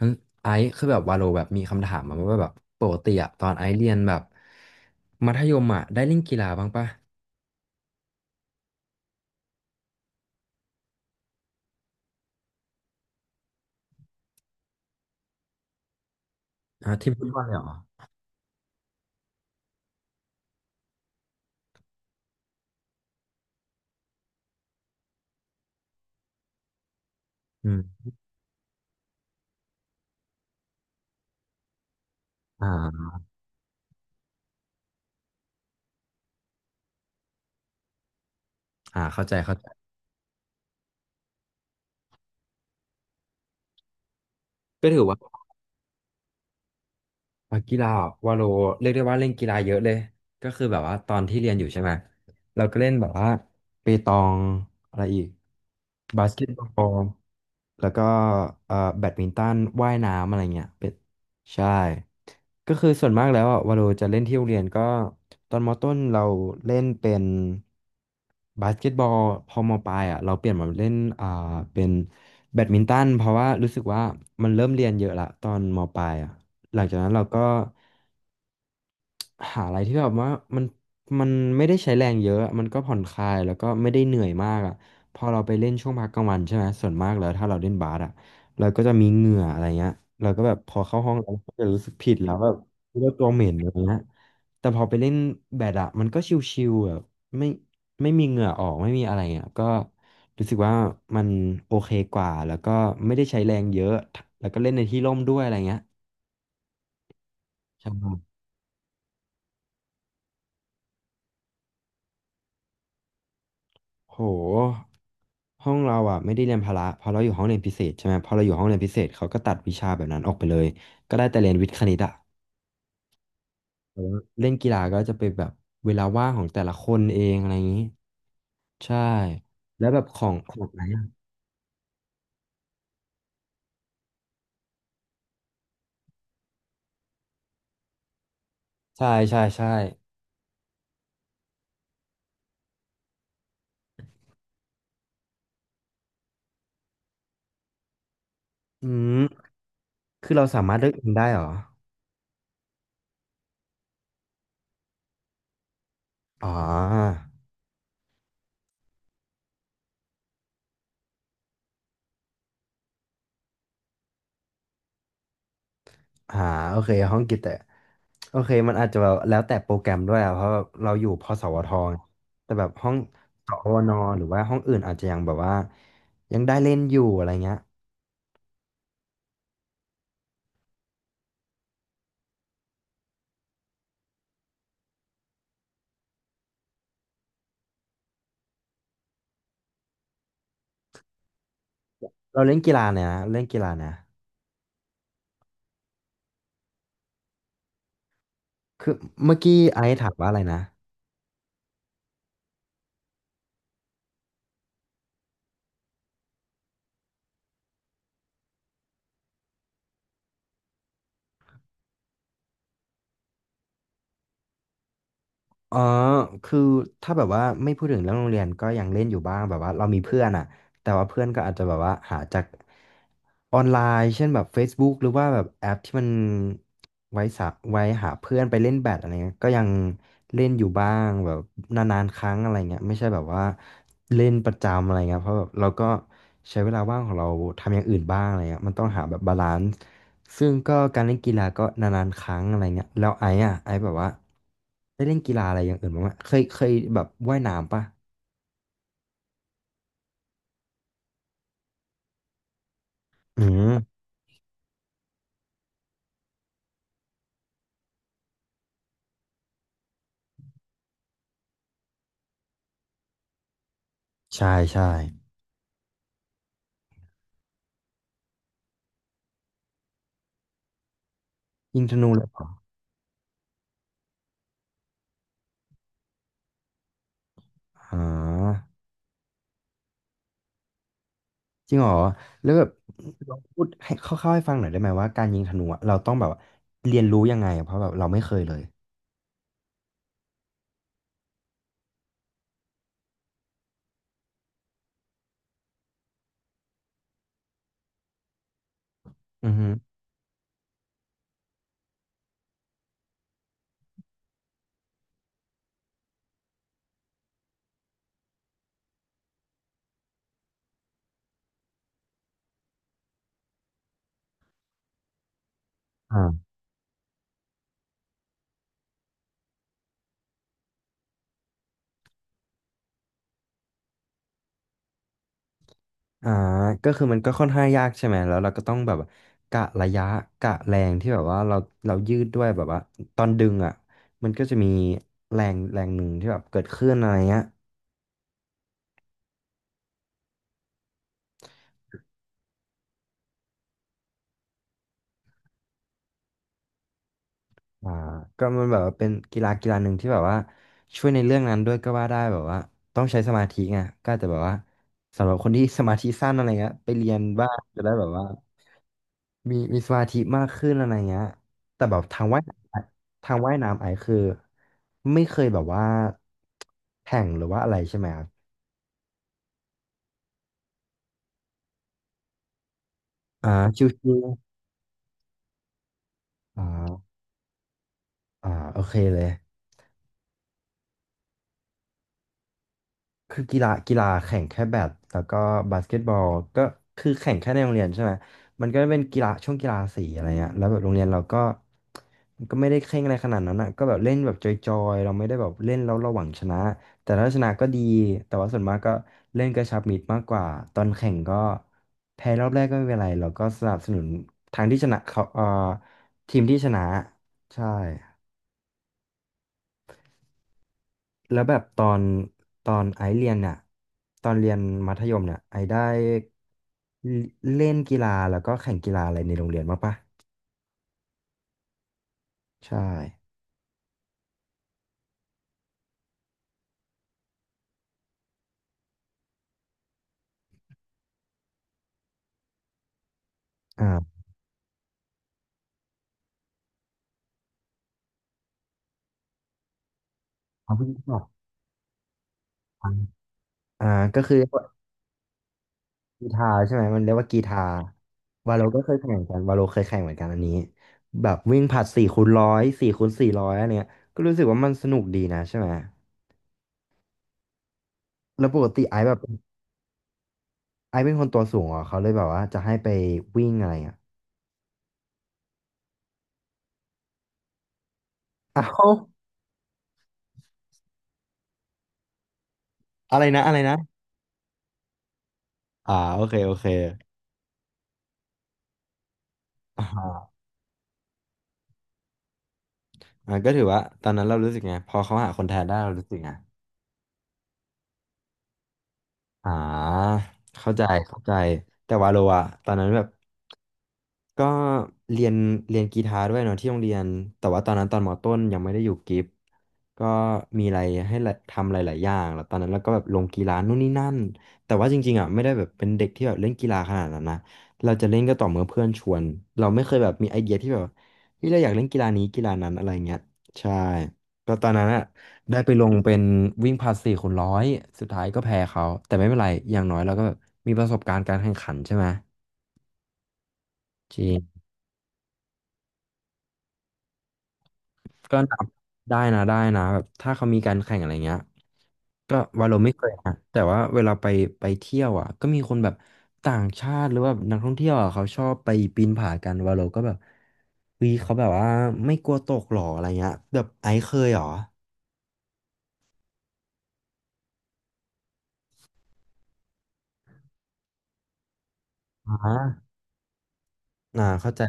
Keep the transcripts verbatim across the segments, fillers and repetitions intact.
งั้นไอซ์คือแบบวาโลแบบมีคำถามมาว่าแบบปกติอะตอนไอซ์เรียนแบบมัธยมอะได้เล่นกีฬาบ้างปะอ่าที่ฟุตบอลเลยเหรออืมอ่าอ่าเข้าใจเข้าใจก็ถือว่า อ่ะกีฬาอ่ะวาโลเรียกได้ว่าเล่นกีฬาเยอะเลยก็คือแบบว่าตอนที่เรียนอยู่ใช่ไหมเราก็เล่นแบบว่าเปตองอะไรอีกบาสเกตบอลแล้วก็เอ่อแบดมินตันว่ายน้ำอะไรเงี้ยเป็นใช่ก็คือส่วนมากแล้วอ่ะวาโลจะเล่นที่โรงเรียนก็ตอนมต้นเราเล่นเป็นบาสเกตบอลพอมปลายอ่ะเราเปลี่ยนมาเล่นอ่าเป็นแบดมินตันเพราะว่ารู้สึกว่ามันเริ่มเรียนเยอะละตอนมปลายอ่ะ หลังจากนั้นเราก็หาอะไรที่แบบว่ามันมันไม่ได้ใช้แรงเยอะมันก็ผ่อนคลายแล้วก็ไม่ได้เหนื่อยมากอ่ะพอเราไปเล่นช่วงพักกลางวันใช่ไหมส่วนมากแล้วถ้าเราเล่นบาสอ่ะเราก็จะมีเหงื่ออะไรเงี้ยเราก็แบบพอเข้าห้องเราก็จะรู้สึกผิดแล้วแบบรู้ว่าตัวเหม็นอะไรเงี้ยแต่พอไปเล่นแบดอ่ะมันก็ชิลๆแบบไม่ไม่มีเหงื่อออกไม่มีอะไรอ่ะก็รู้สึกว่ามันโอเคกว่าแล้วก็ไม่ได้ใช้แรงเยอะแล้วก็เล่นในที่ร่มด้วยอะไรเงี้ยใช่ โหห้องเราอ่ะไม่ได้เรียนพละเพอเราอยู่ห้องเรียนพิเศษใช่ไหมพอเราอยู่ห้องเรียนพิเศษเขาก็ตัดวิชาแบบนั้นออกไปเลยก็ได้แต่เรียนวิทย์คณิตอ่ะแต่ว่าเล่นกีฬาก็จะเป็นแบบเวลาว่างของแต่ละคนเองอะไรอย่างนี้ใช่แล้วแบบของของไหนอะใช่ใช่ใช่อืมคือเราสามารถเลือกเองได้เหรออ๋อ อ่าโอเคห้องกิจแต่โอเคมันอาจจะแบบแล้วแต่โปรแกรมด้วยอะเพราะแบบเราอยู่พสวทไงแต่แบบห้องสวนหรือว่าห้องอื่นอาจจะยังแบบว่ายังได้เล่นอยู่อะไรเงี้ยเราเล่นกีฬาเนี่ยนะเล่นกีฬาเนี่ยคือเมื่อกี้ไอซ์ถามว่าอะไรนะ อ๋อคือถ้าแบบว่าไม่พูดถึงเรื่องโรงเรียนก็ยังเล่นอยู่บ้างแบบว่าเรามีเพื่อนอ่ะแต่ว่าเพื่อนก็อาจจะแบบว่าหาจากออนไลน์เช่นแบบ เฟซบุ๊ก หรือว่าแบบแอปที่มันไว้สะไว้หาเพื่อนไปเล่นแบดอะไรเงี้ยก็ยังเล่นอยู่บ้างแบบนานๆครั้งอะไรเงี้ยไม่ใช่แบบว่าเล่นประจำอะไรเงี้ยเพราะแบบเราก็ใช้เวลาว่างของเราทำอย่างอื่นบ้างอะไรเงี้ยมันต้องหาแบบบาลานซ์ซึ่งก็การเล่นกีฬาก็นานๆครั้งอะไรเงี้ยแล้วไอ้อะไอ้แบบว่า ได้เล่นกีฬาอะไรอย่างอื่นบ้างไหมเคยเคยแบบว่ายน้ำปะอืมใช่ใช่ยิงธนูเลยเหรออ๋อจริงเหรอแล้วแบบลองพูดให้คร่าวๆให้ฟังหน่อยได้ไหมว่าการยิงธนูอะเราต้องแบบว่าเรียนรู้ยังไงอะเพราะแบบเราไม่เคยเลยอือฮึอ่าอ่าก็คือมันก็ค่อนข้างยากใช่ไหม แล้วเราก็ต้องแบบกะระยะกะแรงที่แบบว่าเราเรายืดด้วยแบบว่าตอนดึงอ่ะมันก็จะมีแรงแรงหนึ่งที่แบบเกิดขึ้นอะไรเงี้ย อ่าก็มันแบบว่าเป็นกีฬากีฬาหนึ่งที่แบบว่าช่วยในเรื่องนั้นด้วยก็ว่าได้แบบว่าต้องใช้สมาธิไงก็อาจจะแบบว่าสำหรับคนที่สมาธิสั้นอะไรเงี้ยไปเรียนบ้างจะได้แบบว่ามีมีสมาธิมากขึ้นอะไรเงี้ยแต่แบบทางว่ายน้ำอะทางว่ายน้ำไอคือไม่เคยแบบว่าแข่งหรือว่าอะไรใช่ไหมครับอ่าชิวๆอ่าอ่าโอเคเลย คือกีฬากีฬาแข่งแค่แบดแล้วก็บาสเกตบอลก็คือแข่งแค่ในโรงเรียนใช่ไหมมันก็เป็นกีฬาช่วงกีฬาสีอะไรเงี้ยแล้วแบบโรงเรียนเราก็มันก็ไม่ได้เคร่งอะไรขนาดนั้นอ่ะก็แบบเล่นแบบจอยๆเราไม่ได้แบบเล่นแล้วเราหวังชนะแต่ถ้าชนะก็ดีแต่ว่าส่วนมากก็เล่นกระชับมิตรมากกว่าตอนแข่งก็แพ้รอบแรกก็ไม่เป็นไรเราก็สนับสนุนทางที่ชนะเขาเอ่อทีมที่ชนะใช่ แล้วแบบตอนตอนไอซ์เรียนเนี่ยตอนเรียนมัธยมเนี่ยไอซ์ได้เล่นกีฬาแล้วก็แข่งกีฬาอะไรในโรงเรียนบ้างปะใช่อ่าเอาเพูดก่อนอ่าก็คือกีฬาใช่ไหมมันเรียกว่ากีฬาวาโลก็เคยแข่งเหมือนกันวาโลเคยแข่งเหมือนกันอันนี้แบบวิ่งผลัดสี่คูณร้อยสี่คูณสี่ร้อยอันเนี้ยก็รู้สึกว่ามันสนุกดีนะใช่ไหมแล้วปกติไอซ์แบบไอซ์เป็นคนตัวสูงเหรอเขาเลยแบบว่าจะให้ไปวิ่งอะไรอ่ะอ้าวอะไรนะอะไรนะ อ่าโอเคโอเคอ่าอ่าก็ถือว่าตอนนั้นเรารู้สึกไงพอเขาหาคนแทนได้เรารู้สึกไงอ่าเข้าใจเข้าใจแต่วาโลอะตอนนั้นแบบ ก็เรียนเรียนกีตาร์ด้วยเนาะที่โรงเรียนแต่ว่าตอนนั้นตอนมต้นยังไม่ได้อยู่กิฟต์ก็มีอะไรให้ละทำหลายๆอย่างแล้วตอนนั้นเราก็แบบลงกีฬานู่นนี่นั่นแต่ว่าจริงๆอ่ะไม่ได้แบบเป็นเด็กที่แบบเล่นกีฬาขนาดนั้นนะเราจะเล่นก็ต่อเมื่อเพื่อนชวนเราไม่เคยแบบมีไอเดียที่แบบที่เราอยากเล่นกีฬานี้กีฬานั้นอะไรเงี้ยใช่ก็ตอนนั้นอ่ะได้ไปลงเป็นวิ่งผลัดสี่คูณร้อยสุดท้ายก็แพ้เขาแต่ไม่เป็นไรอย่างน้อยเราก็แบบมีประสบการณ์การแข่งขันใช่ไหมจริง ก็ได้นะได้นะแบบถ้าเขามีการแข่งอะไรเงี้ยก็วาโลไม่เคยนะแต่ว่าเวลาไปไปเที่ยวอ่ะก็มีคนแบบต่างชาติหรือว่านักท่องเที่ยวอ่ะเขาชอบไปปีนผากันวาโลก็แบบเฮ้ยเขาแบบว่าไม่กลัวตกหรออะไรเงี้ยแบบไอซ์เคยหรออ่าอ่าเข้าใจ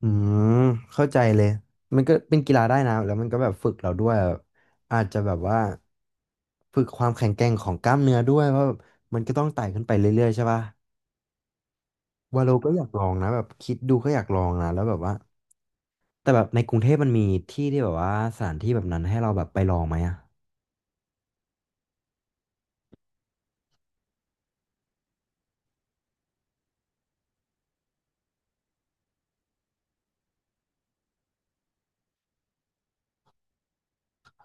อืมเข้าใจเลยมันก็เป็นกีฬาได้นะแล้วมันก็แบบฝึกเราด้วยแบบอาจจะแบบว่าฝึกความแข็งแกร่งของกล้ามเนื้อด้วยเพราะแบบมันก็ต้องไต่ขึ้นไปเรื่อยๆใช่ป่ะ วาโลก็อยากลองนะแบบคิดดูก็อยากลองนะแล้วแบบว่าแต่แบบในกรุงเทพมันมีที่ที่แบบว่าสถานที่แบบนั้นให้เราแบบไปลองไหมอะ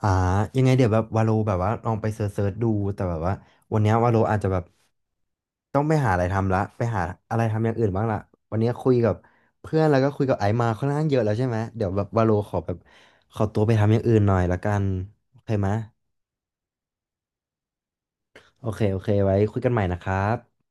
อ่ายังไงเดี๋ยวแบบวาโลแบบว่าลองไปเซิร์ชๆดูแต่แบบว่าวันเนี้ยวาโลอาจจะแบบต้องไปหาอะไรทำละไปหาอะไรทำอย่างอื่นบ้างละวันนี้คุยกับเพื่อนแล้วก็คุยกับไอซ์มาค่อนข้างเยอะแล้วใช่ไหมเดี๋ยวแบบวาโลขอแบบขอตัวไปทำอย่างอื่นหน่อยละกันโอเคไหมโอเคโอเคไว้คุยกันใหม่นะครับ